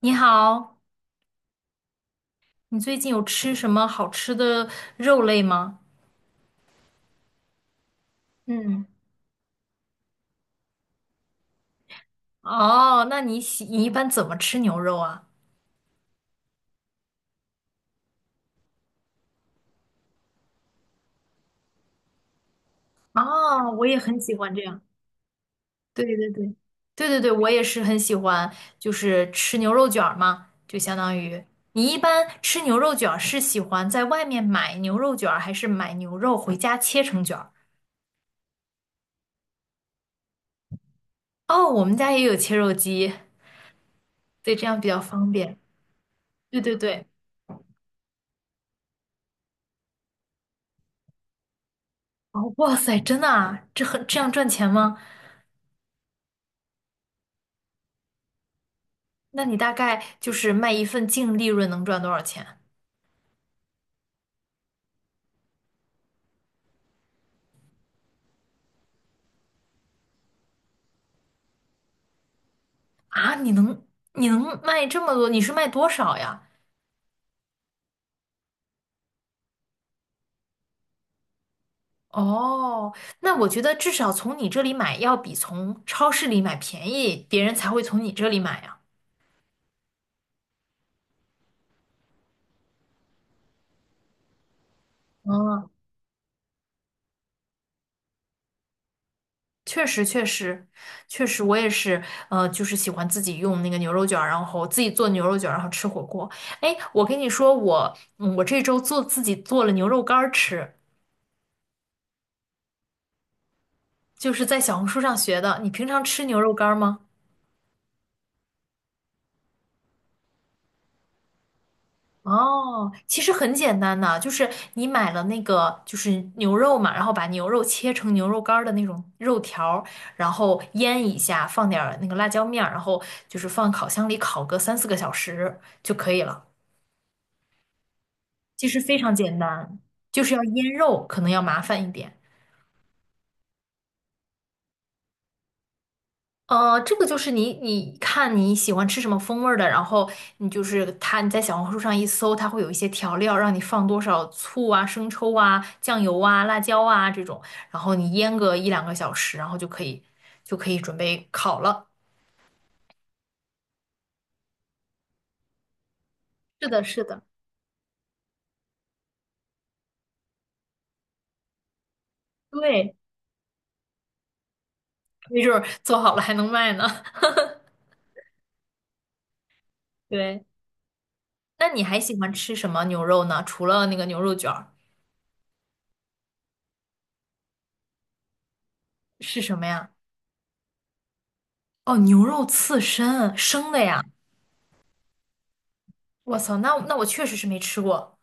你好，你最近有吃什么好吃的肉类吗？嗯，哦，那你喜你一般怎么吃牛肉啊？哦，我也很喜欢这样。对对对，对对对，我也是很喜欢，就是吃牛肉卷儿嘛，就相当于你一般吃牛肉卷儿是喜欢在外面买牛肉卷儿，还是买牛肉回家切成卷儿？哦，我们家也有切肉机，对，这样比较方便。对对对，哦，哇塞，真的啊，这样赚钱吗？那你大概就是卖一份净利润能赚多少钱啊？你能卖这么多？你是卖多少呀？哦，那我觉得至少从你这里买要比从超市里买便宜，别人才会从你这里买呀。嗯，确实确实确实，我也是，就是喜欢自己用那个牛肉卷儿，然后自己做牛肉卷儿，然后吃火锅。哎，我跟你说，我这周做自己做了牛肉干儿吃，就是在小红书上学的。你平常吃牛肉干儿吗？哦，其实很简单的，就是你买了那个就是牛肉嘛，然后把牛肉切成牛肉干儿的那种肉条儿，然后腌一下，放点儿那个辣椒面儿，然后就是放烤箱里烤个三四个小时就可以了。其实非常简单，就是要腌肉，可能要麻烦一点。这个就是你看你喜欢吃什么风味儿的，然后你就是它，你在小红书上一搜，它会有一些调料，让你放多少醋啊、生抽啊、酱油啊、辣椒啊这种，然后你腌个一两个小时，然后就可以准备烤了。是的，是的，对，没准儿做好了还能卖呢。对，那你还喜欢吃什么牛肉呢？除了那个牛肉卷儿，是什么呀？哦，牛肉刺身，生的呀！我操，那我确实是没吃过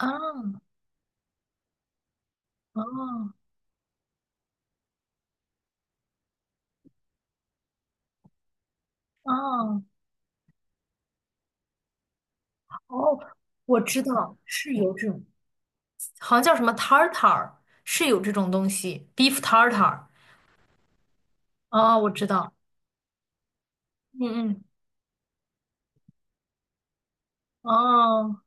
啊。哦哦哦，我知道是有这种，好像叫什么 tartar，是有这种东西，beef tartar。哦，我知道，嗯嗯，哦，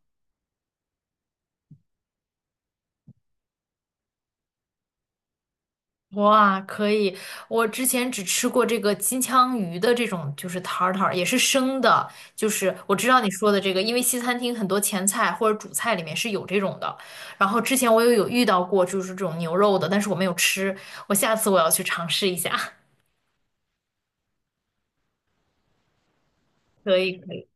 哇，可以。我之前只吃过这个金枪鱼的这种，就是 tartar，也是生的。就是我知道你说的这个，因为西餐厅很多前菜或者主菜里面是有这种的。然后之前我也有遇到过，就是这种牛肉的，但是我没有吃。我下次要去尝试一下。可以，可以。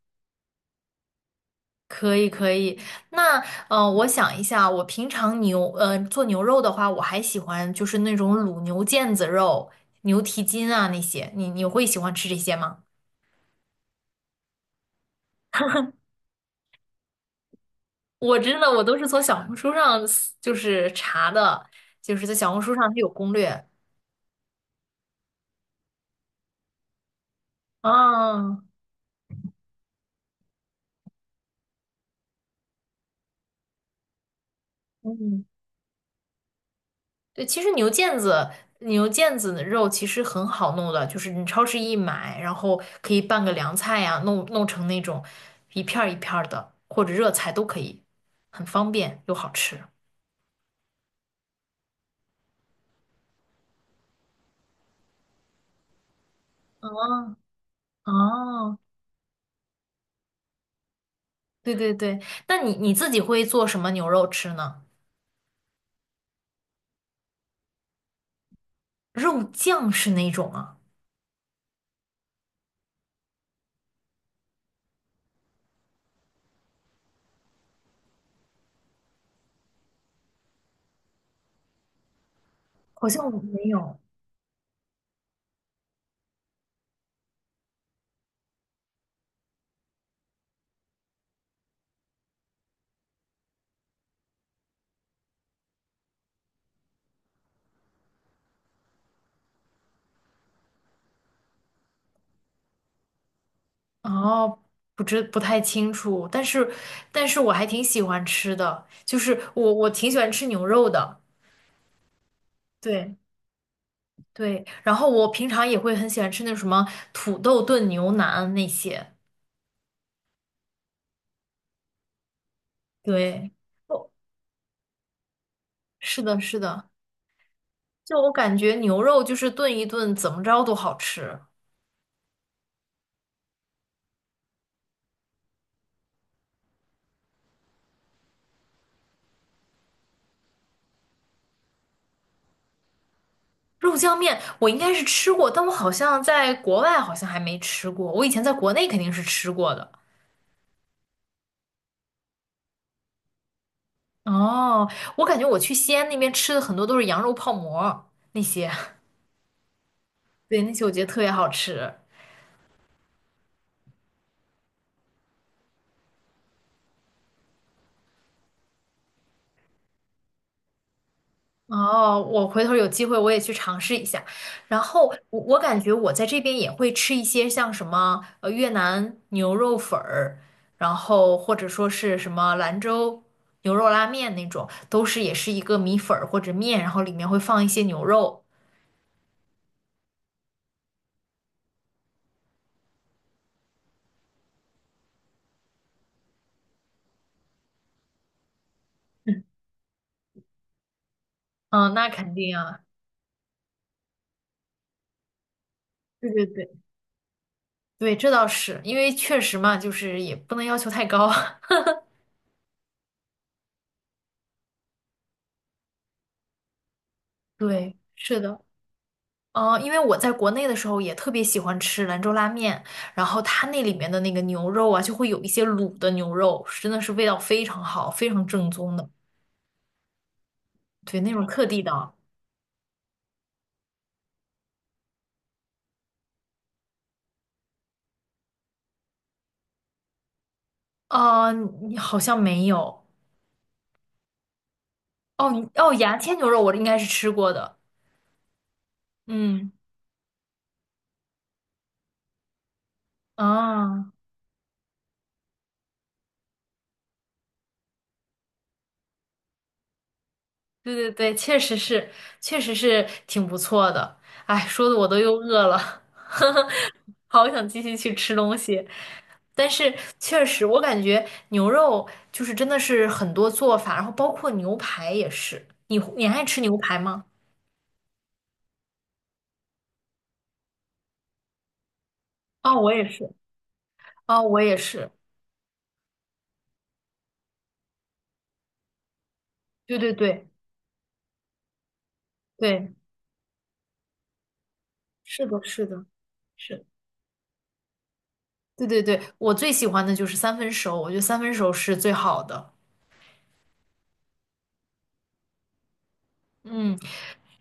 可以可以，那我想一下，我平常做牛肉的话，我还喜欢就是那种卤牛腱子肉、牛蹄筋啊那些，你会喜欢吃这些吗？我真的我都是从小红书上就是查的，就是在小红书上它有攻略。啊，嗯，对，其实牛腱子的肉其实很好弄的，就是你超市一买，然后可以拌个凉菜呀、弄成那种一片儿一片儿的，或者热菜都可以，很方便又好吃。哦哦，对对对，那你自己会做什么牛肉吃呢？肉酱是哪种啊？好像我没有。哦，不太清楚，但是我还挺喜欢吃的，就是我挺喜欢吃牛肉的。对。对，然后我平常也会很喜欢吃那什么土豆炖牛腩那些。对，哦，是的，是的，就我感觉牛肉就是炖一炖，怎么着都好吃。肉酱面我应该是吃过，但我好像在国外好像还没吃过。我以前在国内肯定是吃过的。哦，我感觉我去西安那边吃的很多都是羊肉泡馍那些，对，那些我觉得特别好吃。哦，我回头有机会我也去尝试一下。然后我感觉我在这边也会吃一些像什么越南牛肉粉儿，然后或者说是什么兰州牛肉拉面那种，都是也是一个米粉儿或者面，然后里面会放一些牛肉。嗯，那肯定啊，对对对对，这倒是，因为确实嘛，就是也不能要求太高。对，是的。嗯，因为我在国内的时候也特别喜欢吃兰州拉面，然后它那里面的那个牛肉啊，就会有一些卤的牛肉，真的是味道非常好，非常正宗的，对，那种特地的。你好像没有哦，牙签牛肉我应该是吃过的，嗯，啊。对对对，确实是，确实是挺不错的。哎，说的我都又饿了，呵呵，好想继续去吃东西。但是确实，我感觉牛肉就是真的是很多做法，然后包括牛排也是。你爱吃牛排吗？哦，我也是。哦，我也是。对对对对，是的，是的，是。对对对，我最喜欢的就是三分熟，我觉得三分熟是最好的。嗯。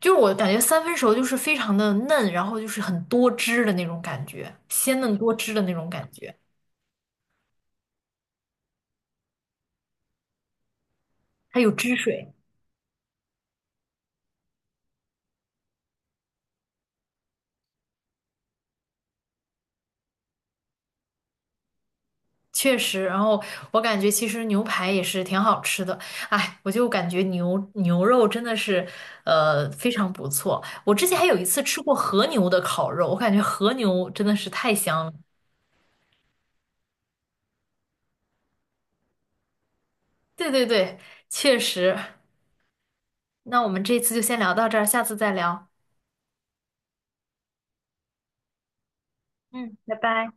就是我感觉三分熟就是非常的嫩，然后就是很多汁的那种感觉，鲜嫩多汁的那种感觉，它有汁水，确实。然后我感觉其实牛排也是挺好吃的，哎，我就感觉牛肉真的是非常不错。我之前还有一次吃过和牛的烤肉，我感觉和牛真的是太香了。对对对，确实。那我们这次就先聊到这儿，下次再聊。嗯，拜拜。